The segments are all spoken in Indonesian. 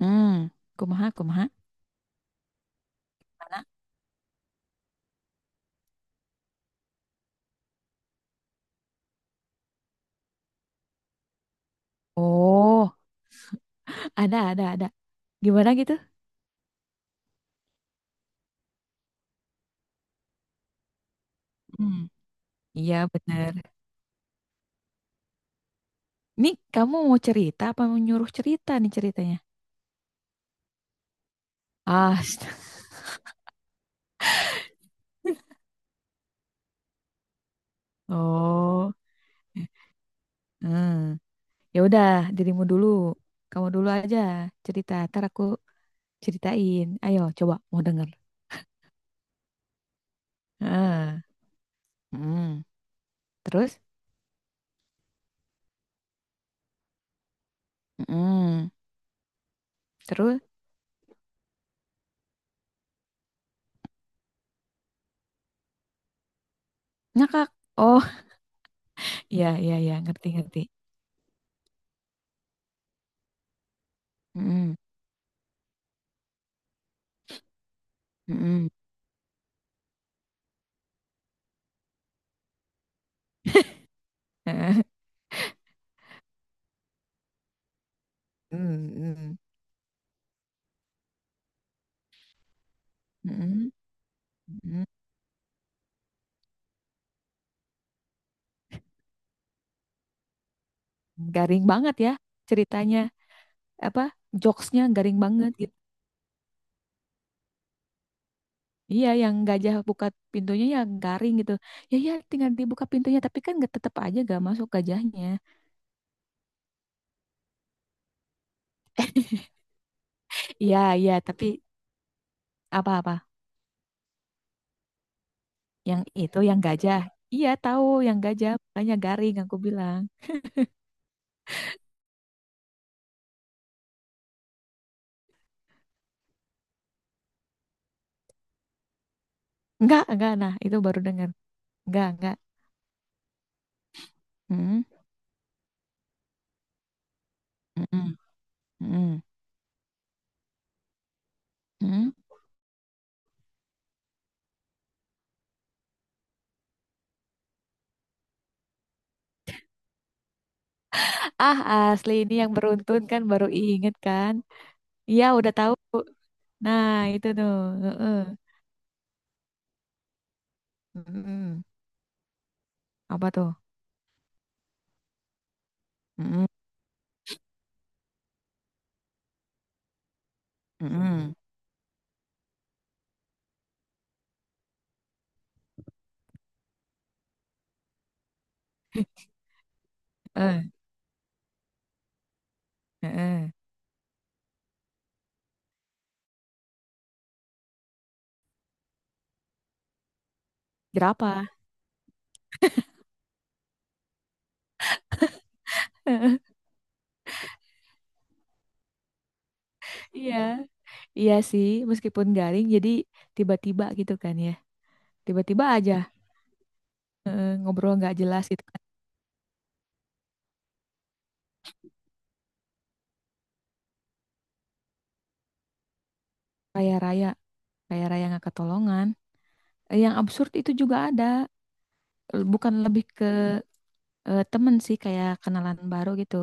Hmm, kumaha, kumaha. Mana? Oh, ada, ada. Gimana gitu? Hmm, iya bener. Nih, kamu mau cerita apa mau nyuruh cerita nih ceritanya? Ah, oh. Hmm. Ya udah, dirimu dulu. Kamu dulu aja cerita, ntar aku ceritain. Ayo, coba mau denger. Ah, hmm. Terus? Hmm. Terus? Ngakak. Oh, iya, iya, iya, ngerti, ngerti. Hmm. Hmm. Hmm. Hmm. Mm-mm. Mm-mm. Garing banget ya ceritanya. Apa jokesnya garing banget gitu. Iya yang gajah buka pintunya ya garing gitu. Ya, ya, tinggal dibuka pintunya tapi kan nggak tetap aja gak masuk gajahnya. Iya, iya, tapi apa-apa yang itu yang gajah. Iya tahu yang gajah makanya garing aku bilang. Enggak, nah itu baru dengar. Enggak, enggak. Mm-mm. Mm-mm. Mm-mm. Mm. Ah, asli ini yang beruntun kan baru inget kan. Iya udah tahu. Nah, itu tuh. Heeh. Mm-mm. Apa tuh? Mm-mm. Mm-mm. Eh, heeh. Jerapah. Iya, iya sih. Meskipun garing, jadi tiba-tiba gitu kan ya. Tiba-tiba aja ngobrol nggak jelas gitu kan. Raya-raya, raya-raya nggak ketolongan. Yang absurd itu juga ada. Bukan lebih ke temen sih, kayak kenalan baru gitu.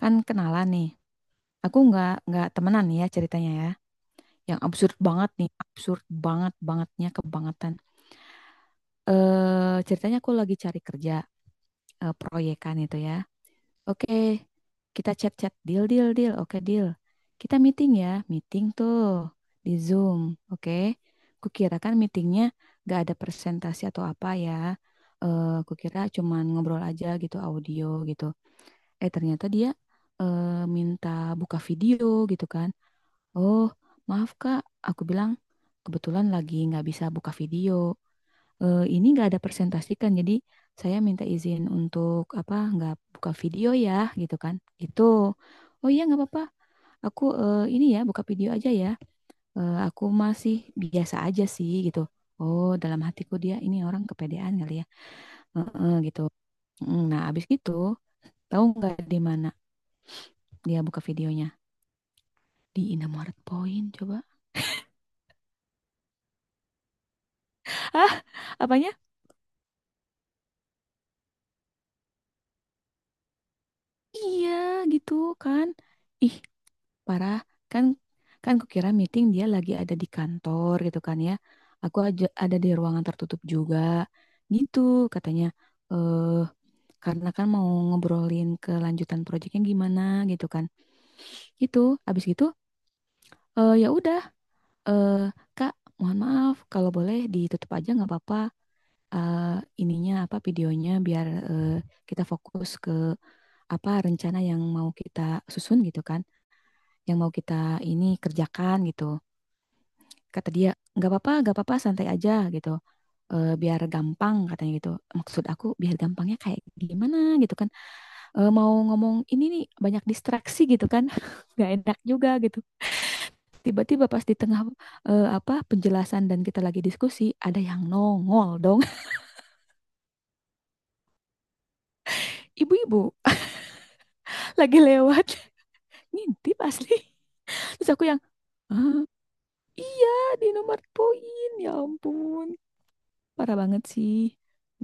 Kan kenalan nih. Aku nggak temenan nih ya ceritanya ya. Yang absurd banget nih, absurd banget bangetnya kebangetan. Ceritanya aku lagi cari kerja, proyekan itu ya. Oke, kita chat-chat, deal, deal, deal. Oke, deal. Kita meeting ya, meeting tuh di Zoom. Oke. Kukira kan meetingnya gak ada presentasi atau apa ya. Kukira cuman ngobrol aja gitu audio gitu. Ternyata dia eh, minta buka video gitu kan. Oh, maaf Kak, aku bilang, kebetulan lagi nggak bisa buka video, ini nggak ada presentasi kan, jadi saya minta izin untuk apa nggak buka video ya gitu kan. Itu, oh iya nggak apa-apa, aku ini ya buka video aja ya. Aku masih biasa aja sih gitu. Oh, dalam hatiku dia ini orang kepedean kali ya. Heeh, gitu. Nah abis gitu, tahu nggak di mana dia buka videonya? Di Indomaret Point coba. Ah, apanya? Iya gitu kan. Ih, parah kan kan kukira meeting dia lagi ada di kantor gitu kan ya. Aku aja ada di ruangan tertutup juga. Gitu katanya. Eh karena kan mau ngobrolin kelanjutan proyeknya gimana gitu kan. Itu habis gitu, ya udah, eh Kak, mohon maaf kalau boleh ditutup aja nggak apa-apa. Eh, ininya apa videonya biar kita fokus ke apa rencana yang mau kita susun gitu kan, yang mau kita ini kerjakan gitu. Kata dia nggak apa-apa, nggak apa-apa, santai aja gitu. Biar gampang katanya gitu, maksud aku biar gampangnya kayak gimana gitu kan. Mau ngomong ini nih banyak distraksi gitu kan nggak enak juga gitu, tiba-tiba pas di tengah apa penjelasan dan kita lagi diskusi ada yang nongol dong. Ibu-ibu lagi lewat ngintip asli. Terus aku yang, "Hah? Iya, di nomor poin, ya ampun parah banget sih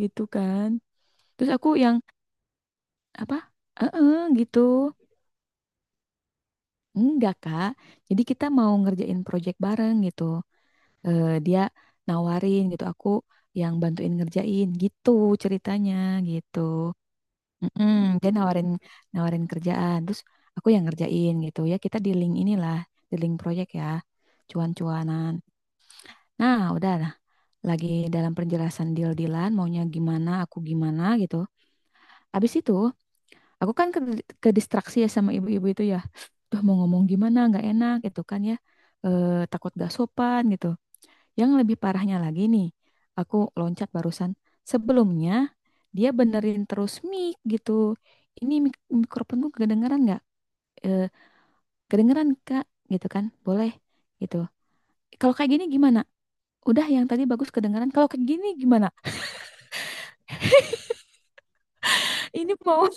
gitu kan." Terus aku yang, apa? Heeh, gitu. Enggak, Kak. Jadi kita mau ngerjain project bareng gitu. Dia nawarin gitu, aku yang bantuin ngerjain gitu ceritanya gitu. Mm-mm, dia nawarin, nawarin kerjaan, terus aku yang ngerjain gitu. Ya kita di link inilah, di link project ya. Cuan-cuanan. Nah, udah lah. Lagi dalam penjelasan deal-dealan maunya gimana, aku gimana gitu. Abis itu, aku kan ke distraksi ya sama ibu-ibu itu ya. Tuh mau ngomong gimana nggak enak gitu kan ya. Takut gak sopan gitu. Yang lebih parahnya lagi nih. Aku loncat barusan. Sebelumnya dia benerin terus mic gitu. Ini mikrofonku kedengeran nggak? Eh, kedengeran Kak gitu kan. Boleh gitu. Kalau kayak gini gimana? Udah yang tadi bagus kedengeran. Kalau kayak gini gimana? Ini mau,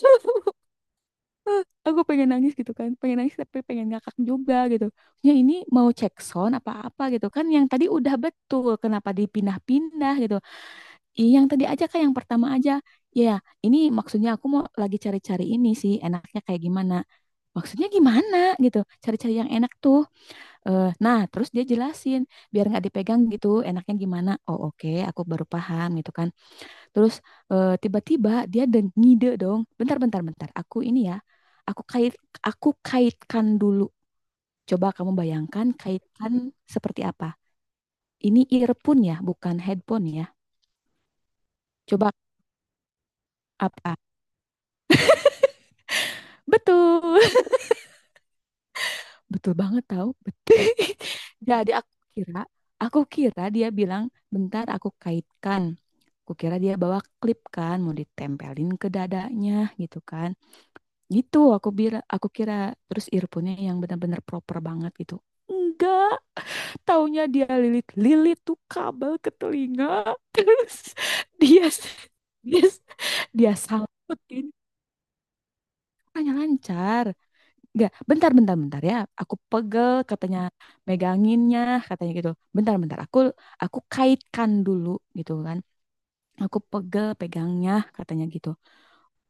aku pengen nangis gitu kan, pengen nangis tapi pengen ngakak juga gitu. Ya, ini mau cek sound apa-apa gitu kan, yang tadi udah betul kenapa dipindah-pindah gitu. Iya yang tadi aja kan, yang pertama aja ya. Ini maksudnya aku mau lagi cari-cari ini sih enaknya kayak gimana, maksudnya gimana gitu, cari-cari yang enak tuh. Nah terus dia jelasin biar nggak dipegang gitu enaknya gimana, oh oke aku baru paham gitu kan. Terus tiba-tiba dia ada ngide dong. Bentar, bentar, bentar. Aku ini ya, aku kait, aku kaitkan dulu. Coba kamu bayangkan kaitkan seperti apa. Ini earphone ya, bukan headphone ya. Coba apa? Betul, betul banget tahu. Betul. Jadi aku kira dia bilang, bentar aku kaitkan. Aku kira dia bawa klip kan, mau ditempelin ke dadanya gitu kan. Gitu aku kira, aku kira terus earphone-nya yang benar-benar proper banget gitu. Enggak, taunya dia lilit-lilit tuh kabel ke telinga. Terus dia dia dia sautin katanya lancar. Enggak, bentar, bentar, bentar ya. Aku pegel katanya meganginnya katanya gitu. Bentar, bentar, aku kaitkan dulu gitu kan. Aku pegel pegangnya katanya gitu.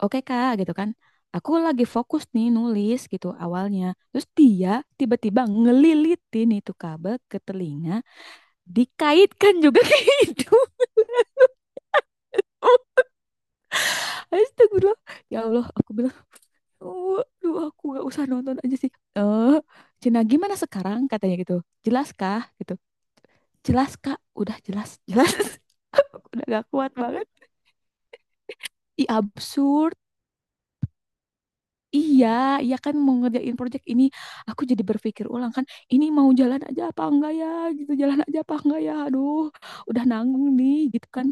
Oke Kak gitu kan, aku lagi fokus nih nulis gitu awalnya, terus dia tiba-tiba ngelilitin itu kabel ke telinga, dikaitkan juga ke hidung. Astagfirullah ya Allah, aku bilang, oh duh, aku gak usah nonton aja sih. eh Cina gimana sekarang katanya gitu, jelas kah gitu. Jelas Kak, udah jelas, jelas. Aku udah gak kuat banget. Ih, absurd. Iya, iya kan mau ngerjain project ini, aku jadi berpikir ulang kan, ini mau jalan aja apa enggak ya, gitu, jalan aja apa enggak ya, aduh, udah nanggung nih, gitu kan.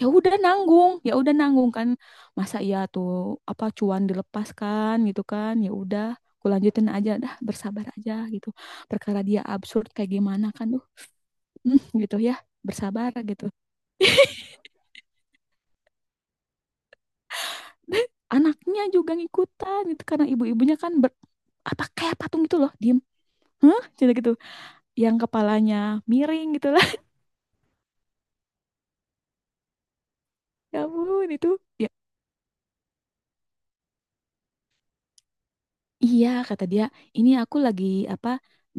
Ya udah nanggung kan, masa iya tuh apa cuan dilepaskan gitu kan, ya udah, aku lanjutin aja, dah bersabar aja gitu. Perkara dia absurd kayak gimana kan, tuh, gitu ya, bersabar gitu. Anaknya juga ngikutan gitu karena ibu-ibunya kan apa kayak patung gitu loh, diem, hah, Cina gitu. Yang kepalanya miring gitu lah. Ya ampun itu. Ya, iya kata dia, ini aku lagi apa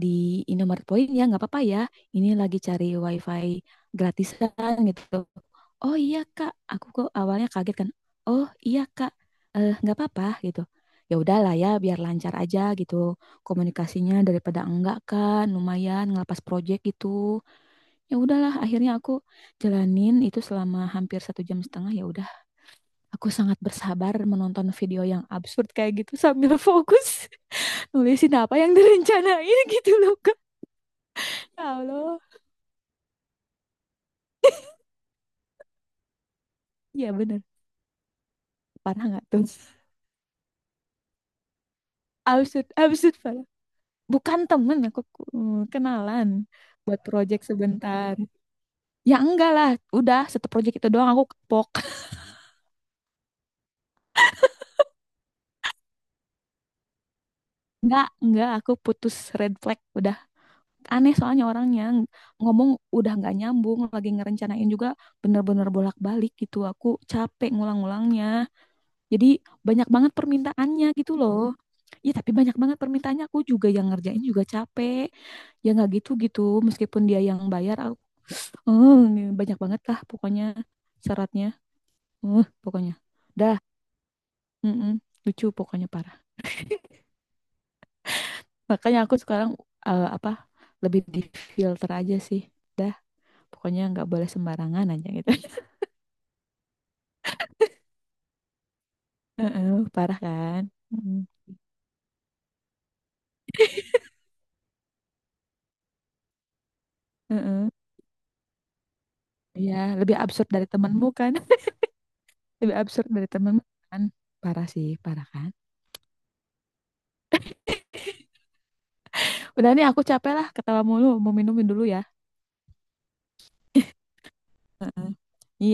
di Indomaret Point ya nggak apa-apa ya. Ini lagi cari WiFi gratisan gitu. Oh iya Kak, aku kok awalnya kaget kan. Oh iya Kak, nggak apa-apa gitu. Ya udahlah ya, biar lancar aja gitu komunikasinya daripada enggak kan, lumayan ngelepas project gitu. Ya udahlah, akhirnya aku jalanin itu selama hampir satu jam setengah, ya udah. Aku sangat bersabar menonton video yang absurd kayak gitu sambil fokus nulisin apa yang direncanain gitu loh Kak. Ya Allah. Ya bener. Parah nggak tuh? Absurd, absurd parah. Bukan temen aku, kenalan buat project sebentar. Ya enggak lah, udah satu project itu doang aku kepok. Enggak, aku putus red flag udah. Aneh soalnya orangnya ngomong udah nggak nyambung, lagi ngerencanain juga bener-bener bolak-balik gitu. Aku capek ngulang-ngulangnya. Jadi banyak banget permintaannya gitu loh. Iya tapi banyak banget permintaannya, aku juga yang ngerjain juga capek. Ya nggak gitu-gitu meskipun dia yang bayar aku. "Eh, ini banyak banget lah pokoknya syaratnya. Eh, pokoknya." Dah, mm-mm, lucu pokoknya parah. Makanya aku sekarang, apa lebih di filter aja sih. Dah, pokoknya nggak boleh sembarangan aja gitu. Heeh, parah kan? Mm, heeh. Iya, lebih absurd dari temenmu kan? Lebih absurd dari temen kan, parah sih, parah kan. Udah nih, aku capek lah ketawa mulu mau minum dulu ya. Iya.